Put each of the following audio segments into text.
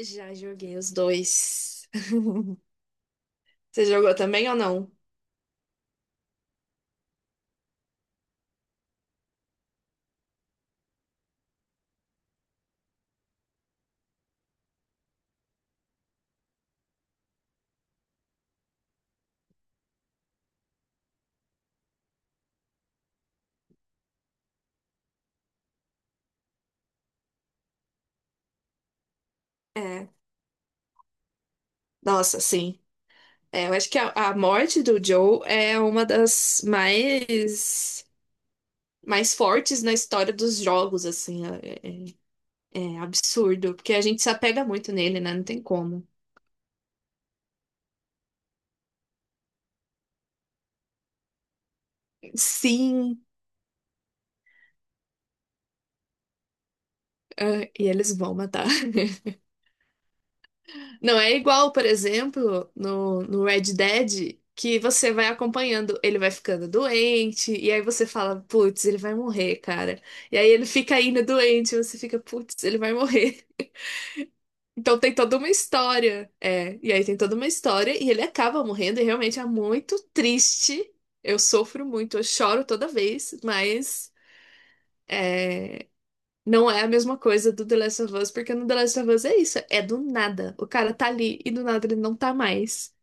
Já joguei os dois. Você jogou também ou não? É. Nossa, sim. É, eu acho que a morte do Joe é uma das mais fortes na história dos jogos, assim. É absurdo, porque a gente se apega muito nele, né? Não tem como. Sim, ah, e eles vão matar. Não é igual, por exemplo, no Red Dead, que você vai acompanhando, ele vai ficando doente, e aí você fala, putz, ele vai morrer, cara. E aí ele fica ainda doente, e você fica, putz, ele vai morrer. Então tem toda uma história. É, e aí tem toda uma história, e ele acaba morrendo, e realmente é muito triste. Eu sofro muito, eu choro toda vez, mas não é a mesma coisa do The Last of Us, porque no The Last of Us é isso, é do nada. O cara tá ali e do nada ele não tá mais.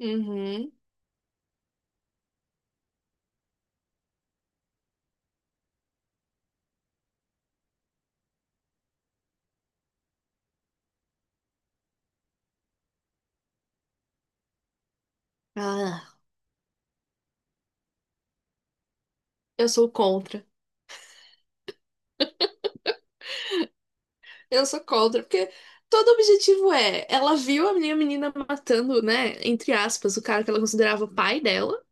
Uhum. Ah, eu sou contra. Eu sou contra, porque todo objetivo é, ela viu a minha menina matando, né, entre aspas, o cara que ela considerava o pai dela.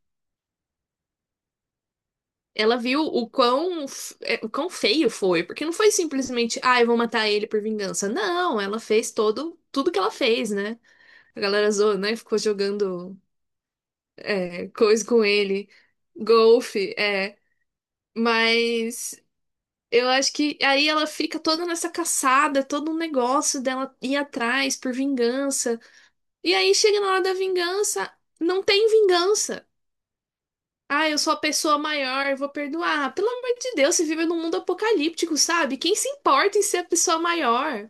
Ela viu o quão, é, o quão feio foi, porque não foi simplesmente, ah, eu vou matar ele por vingança. Não, ela fez todo, tudo que ela fez, né? A galera zoou, né? Ficou jogando é, coisa com ele, golfe, é. Mas eu acho que aí ela fica toda nessa caçada, todo um negócio dela ir atrás por vingança. E aí chega na hora da vingança, não tem vingança. Ah, eu sou a pessoa maior, eu vou perdoar. Pelo amor de Deus, você vive num mundo apocalíptico, sabe? Quem se importa em ser a pessoa maior?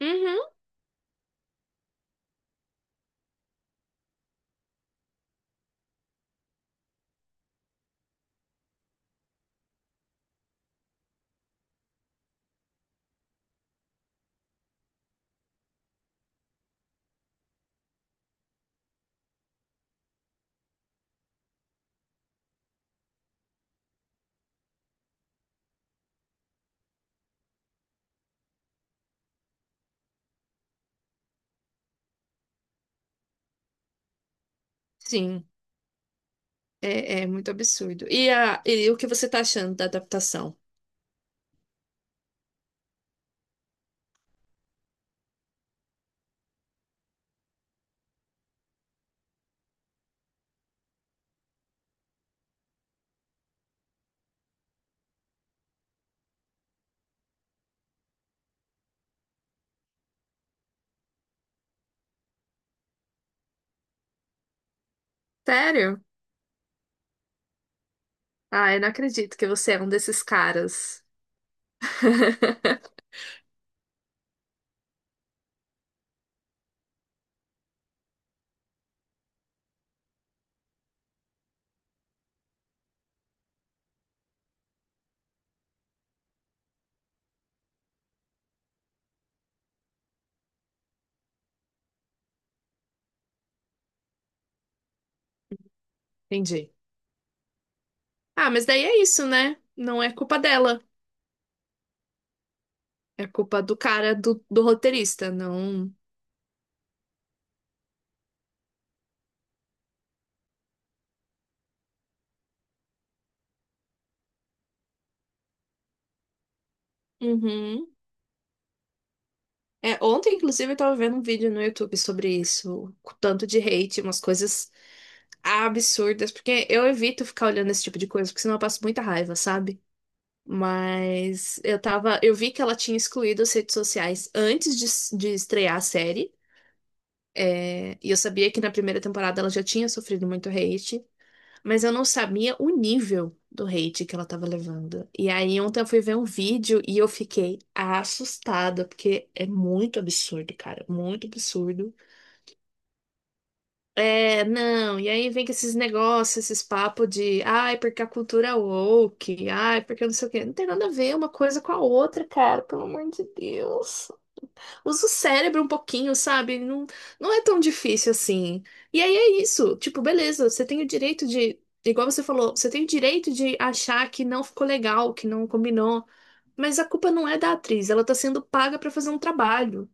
Uhum. Sim. É, é muito absurdo. E o que você tá achando da adaptação? Sério? Ah, eu não acredito que você é um desses caras. Entendi. Ah, mas daí é isso, né? Não é culpa dela. É culpa do cara, do roteirista, não. Uhum. É, ontem, inclusive, eu tava vendo um vídeo no YouTube sobre isso, com tanto de hate, umas coisas absurdas, porque eu evito ficar olhando esse tipo de coisa, porque senão eu passo muita raiva, sabe? Mas eu tava, eu vi que ela tinha excluído as redes sociais antes de estrear a série. É, e eu sabia que na primeira temporada ela já tinha sofrido muito hate, mas eu não sabia o nível do hate que ela tava levando. E aí ontem eu fui ver um vídeo e eu fiquei assustada, porque é muito absurdo, cara, muito absurdo. É, não, e aí vem com esses negócios, esses papos de, ai, porque a cultura é woke, ai, porque não sei o quê. Não tem nada a ver uma coisa com a outra, cara, pelo amor de Deus. Usa o cérebro um pouquinho, sabe? Não, não é tão difícil assim. E aí é isso. Tipo, beleza, você tem o direito de. Igual você falou, você tem o direito de achar que não ficou legal, que não combinou. Mas a culpa não é da atriz, ela tá sendo paga pra fazer um trabalho.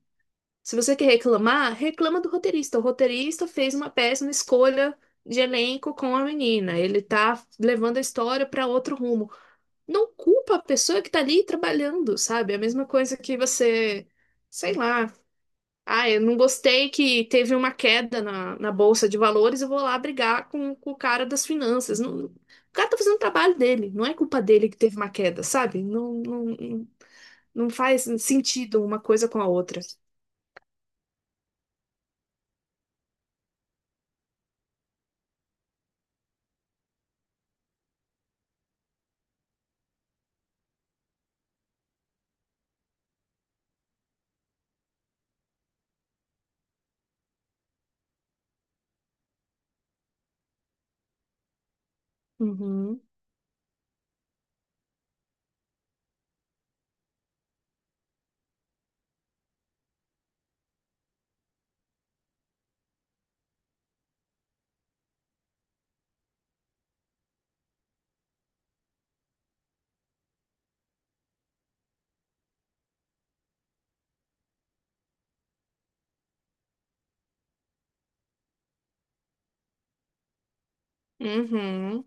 Se você quer reclamar, reclama do roteirista. O roteirista fez uma péssima escolha de elenco com a menina. Ele tá levando a história pra outro rumo. Não culpa a pessoa que tá ali trabalhando, sabe? É a mesma coisa que você. Sei lá. Ah, eu não gostei que teve uma queda na bolsa de valores, eu vou lá brigar com o cara das finanças. O cara tá fazendo o trabalho dele, não é culpa dele que teve uma queda, sabe? Não, não, não faz sentido uma coisa com a outra. Uhum, uhum.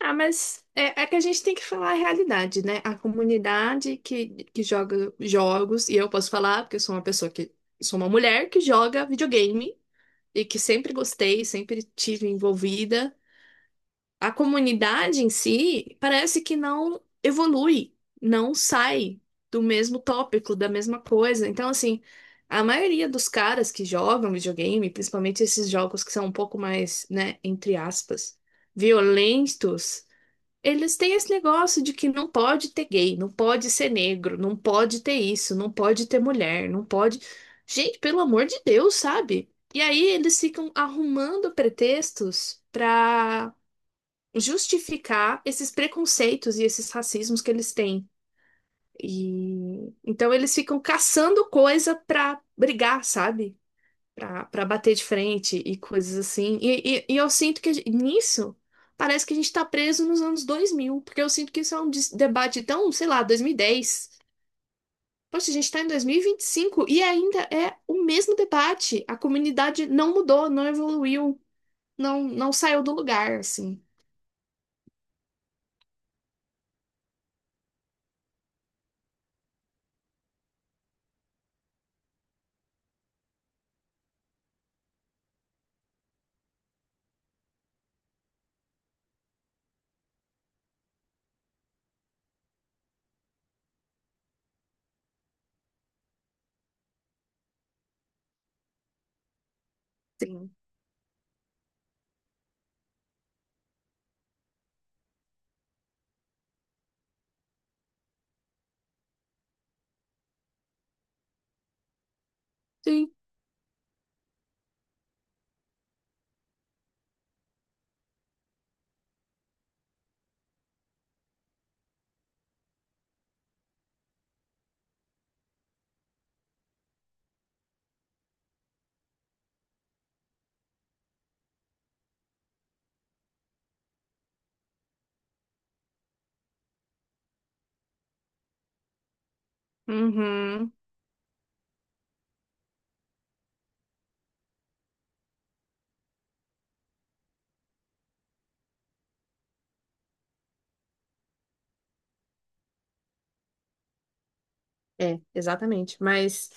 Ah, mas é, é que a gente tem que falar a realidade, né? A comunidade que joga jogos, e eu posso falar, porque eu sou uma pessoa que sou uma mulher que joga videogame e que sempre gostei, sempre tive envolvida. A comunidade em si parece que não evolui, não sai do mesmo tópico, da mesma coisa. Então, assim, a maioria dos caras que jogam videogame, principalmente esses jogos que são um pouco mais, né, entre aspas, violentos, eles têm esse negócio de que não pode ter gay, não pode ser negro, não pode ter isso, não pode ter mulher, não pode. Gente, pelo amor de Deus, sabe? E aí eles ficam arrumando pretextos pra justificar esses preconceitos e esses racismos que eles têm. E então eles ficam caçando coisa pra brigar, sabe? Pra bater de frente e coisas assim. E eu sinto que a nisso parece que a gente tá preso nos anos 2000 porque eu sinto que isso é um debate tão, sei lá, dois mil e dez. Poxa, a gente tá em 2025 e vinte e cinco e ainda é o mesmo debate. A comunidade não mudou, não evoluiu, não saiu do lugar, assim. Sim. Sim. Uhum. É, exatamente. Mas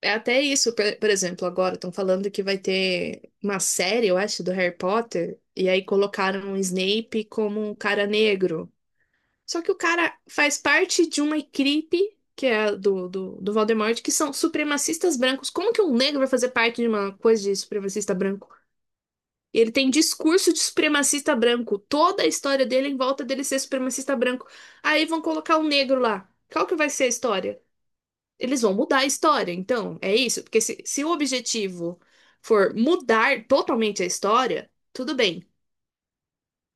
é até isso, por exemplo, agora estão falando que vai ter uma série, eu acho, do Harry Potter, e aí colocaram o Snape como um cara negro. Só que o cara faz parte de uma equipe, que é a do Voldemort, que são supremacistas brancos. Como que um negro vai fazer parte de uma coisa de supremacista branco? E ele tem discurso de supremacista branco. Toda a história dele é em volta dele ser supremacista branco. Aí vão colocar um negro lá. Qual que vai ser a história? Eles vão mudar a história, então, é isso? Porque se o objetivo for mudar totalmente a história, tudo bem.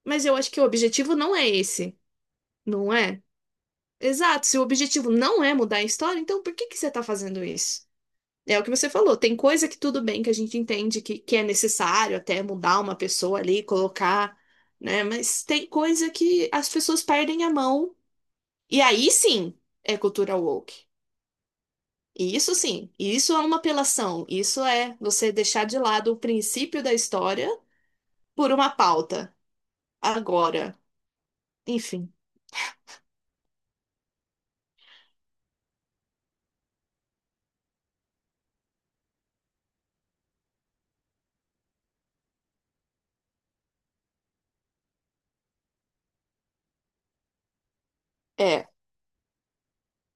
Mas eu acho que o objetivo não é esse, não é? Exato, se o objetivo não é mudar a história, então por que que você tá fazendo isso? É o que você falou, tem coisa que tudo bem que a gente entende que é necessário até mudar uma pessoa ali, colocar, né? Mas tem coisa que as pessoas perdem a mão. E aí sim é cultura woke. E isso sim, isso é uma apelação. Isso é você deixar de lado o princípio da história por uma pauta. Agora, enfim, é.